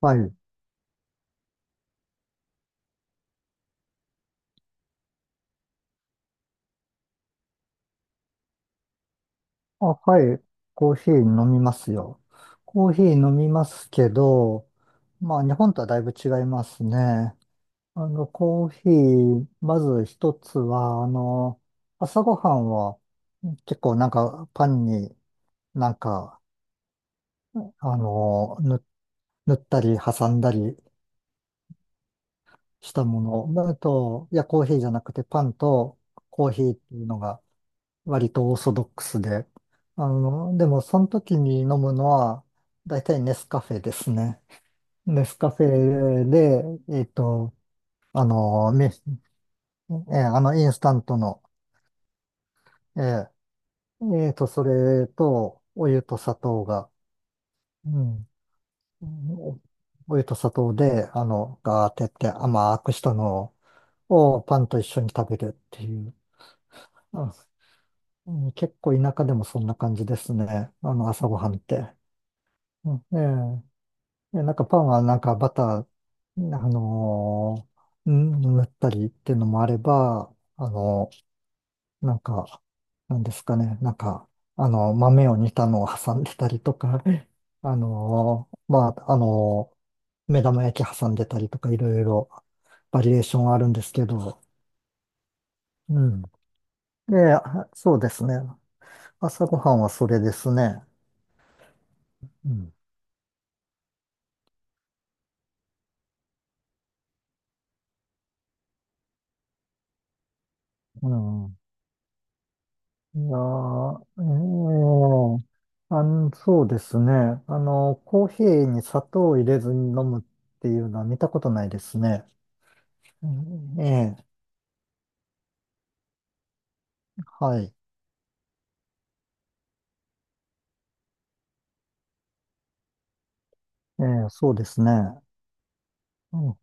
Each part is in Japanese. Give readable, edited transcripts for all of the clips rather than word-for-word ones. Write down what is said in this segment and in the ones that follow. はい。あ、はい。コーヒー飲みますよ。コーヒー飲みますけど、まあ日本とはだいぶ違いますね。コーヒー、まず一つは、朝ごはんは結構パンになんか、あの、ぬ、塗ったり挟んだりしたもの。あと、いや、コーヒーじゃなくてパンとコーヒーっていうのが割とオーソドックスで。でもその時に飲むのは、大体ネスカフェですね。ネスカフェで、えっと、あの、みえーあの、インスタントの、えそれと、お湯と砂糖が、うん、おお湯と砂糖で、ガーってやって甘くしたのをパンと一緒に食べるっていう。あうん結構田舎でもそんな感じですね。朝ごはんって。うんええ、いや、パンはバター、塗ったりっていうのもあれば、なんか、なんですかね、豆を煮たのを挟んでたりとか、目玉焼き挟んでたりとか、いろいろバリエーションあるんですけど、うん。で、あそうですね。朝ごはんはそれですね。うん。うん。いやー、そうですね。コーヒーに砂糖を入れずに飲むっていうのは見たことないですね。うんええ、はい。ええ、そうですね。うん、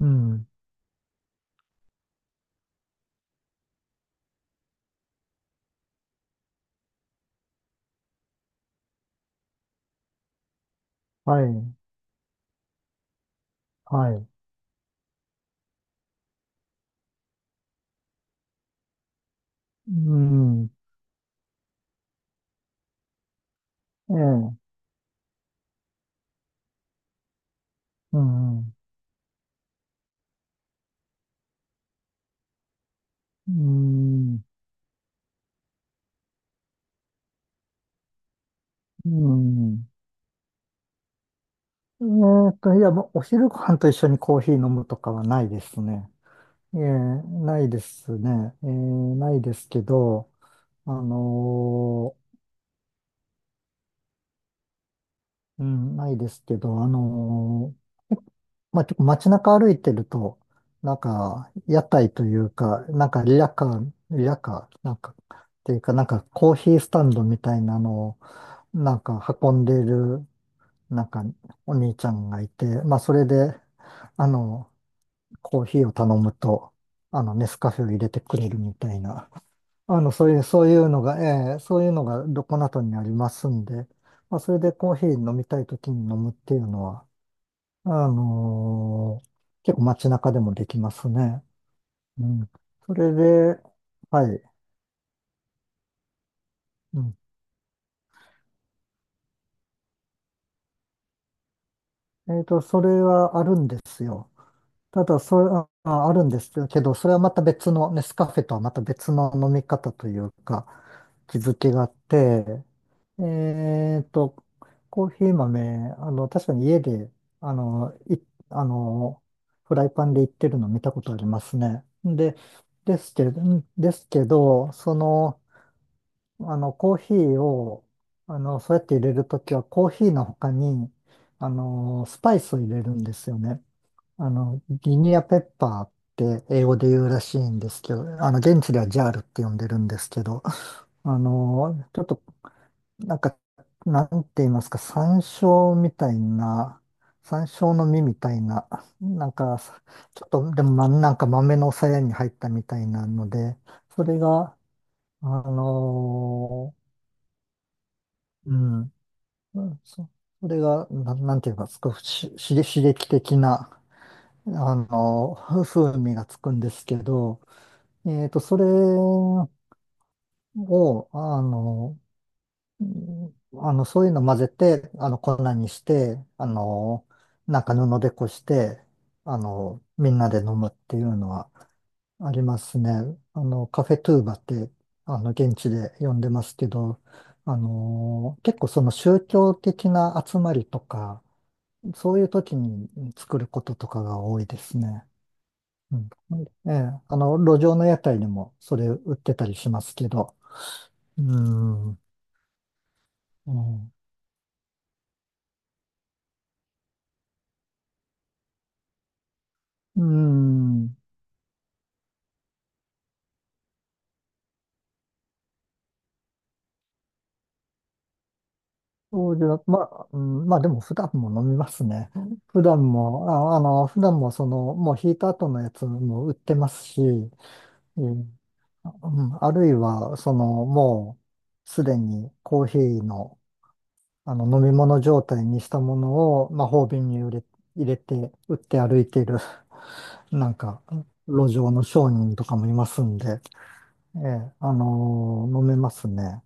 うん、はい、はい。うん、ええ、うん、うん、うん。いや、もうお昼ご飯と一緒にコーヒー飲むとかはないですね。ええ、ないですね。ええ、ないですけど、あのーうん、ないですけど、ーまあ、結構街中歩いてると、屋台というか、リヤカー、なんか、っていうか、なんかコーヒースタンドみたいなのを、運んでいる、なんか、お兄ちゃんがいて、まあ、それで、あの、コーヒーを頼むと、ネスカフェを入れてくれるみたいな、あの、そういう、そういうのが、ええ、そういうのがどこなどにありますんで、まあ、それでコーヒー飲みたいときに飲むっていうのは、あのー結構街中でもできますね。うん。それで、はい。うん。それはあるんですよ。ただ、それ、あ、ああるんですけど、それはまた別の、ネスカフェとはまた別の飲み方というか、気づきがあって、えっと、コーヒー豆、確かに家で、あの、い、あの、フライパンでいってるの見たことありますね。で、ですけど、んですけど、コーヒーを、そうやって入れるときは、コーヒーの他に、スパイスを入れるんですよね。ギニアペッパーって英語で言うらしいんですけど、現地ではジャールって呼んでるんですけど、あの、ちょっと、なんか、なんて言いますか、山椒みたいな、山椒の実みたいな、なんか、ちょっと、でも、まなんか豆のさやに入ったみたいなので、それが、あのうん。うん、そ、それが、なんていうか、すごく刺激的な、風味がつくんですけど、それを、あの、うんそういうの混ぜて、粉にして、布でこして、みんなで飲むっていうのはありますね。カフェトゥーバって、現地で呼んでますけど、結構その宗教的な集まりとか、そういう時に作ることとかが多いですね。うん。ええ、路上の屋台にもそれ売ってたりしますけど。うん。うん。うんそうじゃ、まあ、うん、まあでも普段も飲みますね。普段もその、もう引いた後のやつも売ってますし、うんうんあるいは、もうすでにコーヒーの、飲み物状態にしたものを魔法瓶に入れ、入れて、売って歩いている、なんか、路上の商人とかもいますんで、ええ、飲めますね。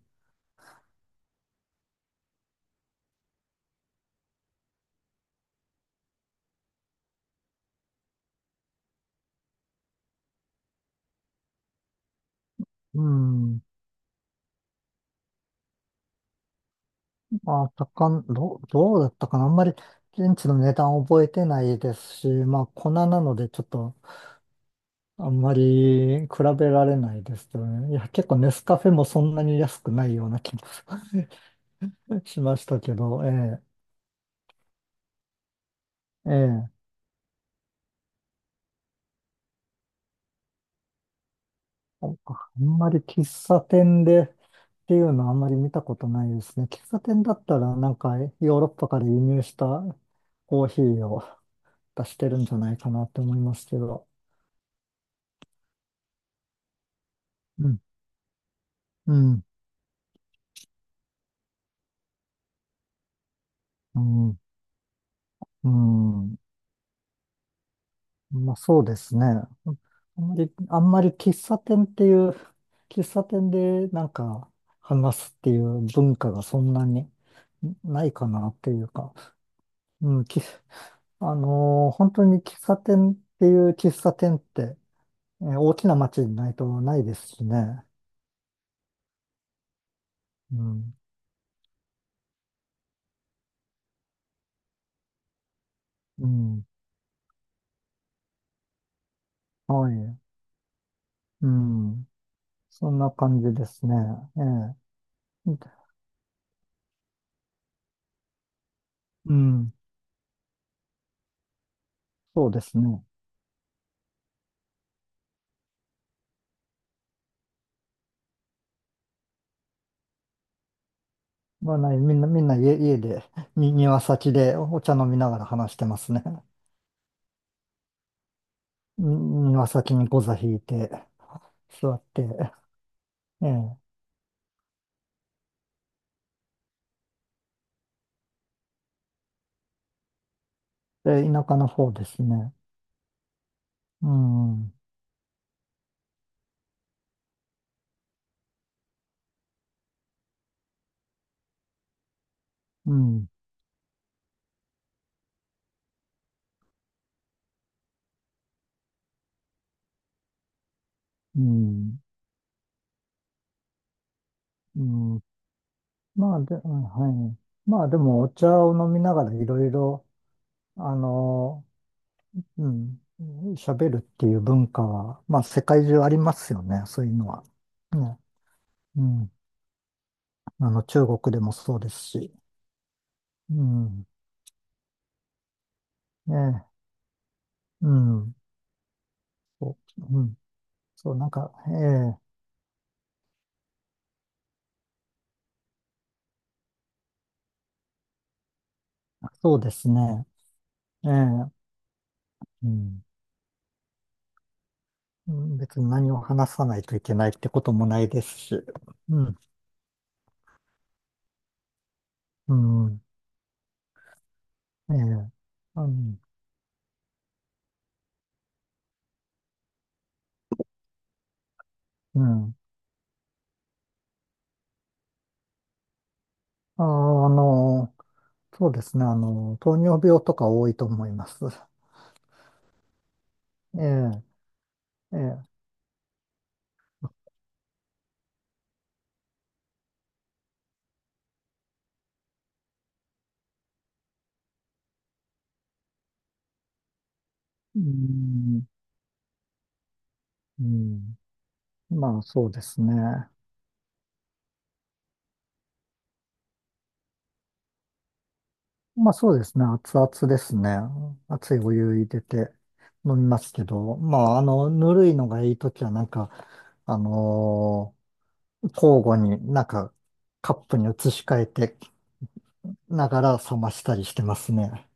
うん。まあ、高ん、どう、どうだったかな。あんまり、現地の値段覚えてないですし、まあ、粉なので、ちょっと、あんまり比べられないですけどね。いや、結構ネスカフェもそんなに安くないような気も しましたけど、ええ、ええ。あんまり喫茶店でっていうのはあんまり見たことないですね。喫茶店だったらなんかヨーロッパから輸入したコーヒーを出してるんじゃないかなって思いますけど。うん、うん、うん、うん。まあそうですね。あんまり、あんまり喫茶店っていう、喫茶店で話すっていう文化がそんなにないかなっていうか。うん、き本当に喫茶店っていう喫茶店って、えー大きな街にないとないですしね。うん。うん。はい。うん。そんな感じですね。ええ。うん。そうですね。まあ、ない、みんな、家で、に、庭先でお茶飲みながら話してますね。に庭先にゴ座引いて、座って、ええ。で、田舎の方ですね。うん。うん。うん。うん。まあで、うんはい。まあでもお茶を飲みながらいろいろ、あの、うん、喋るっていう文化は、まあ世界中ありますよね、そういうのは。ね、うん。中国でもそうですし。うん。ね、うん。そう、うん。そう、ええ、そうですね。ええ、うん。うん別に何を話さないといけないってこともないですし。うん。うん。ええ、うん。うん。あーあのそうですね。糖尿病とか多いと思います。ええ、ええ、うん、うん。まあ、そうですね。まあ、そうですね。熱々ですね。熱いお湯入れて飲みますけど、まあ、ぬるいのがいいときは、あの交互にカップに移し替えてながら冷ましたりしてますね。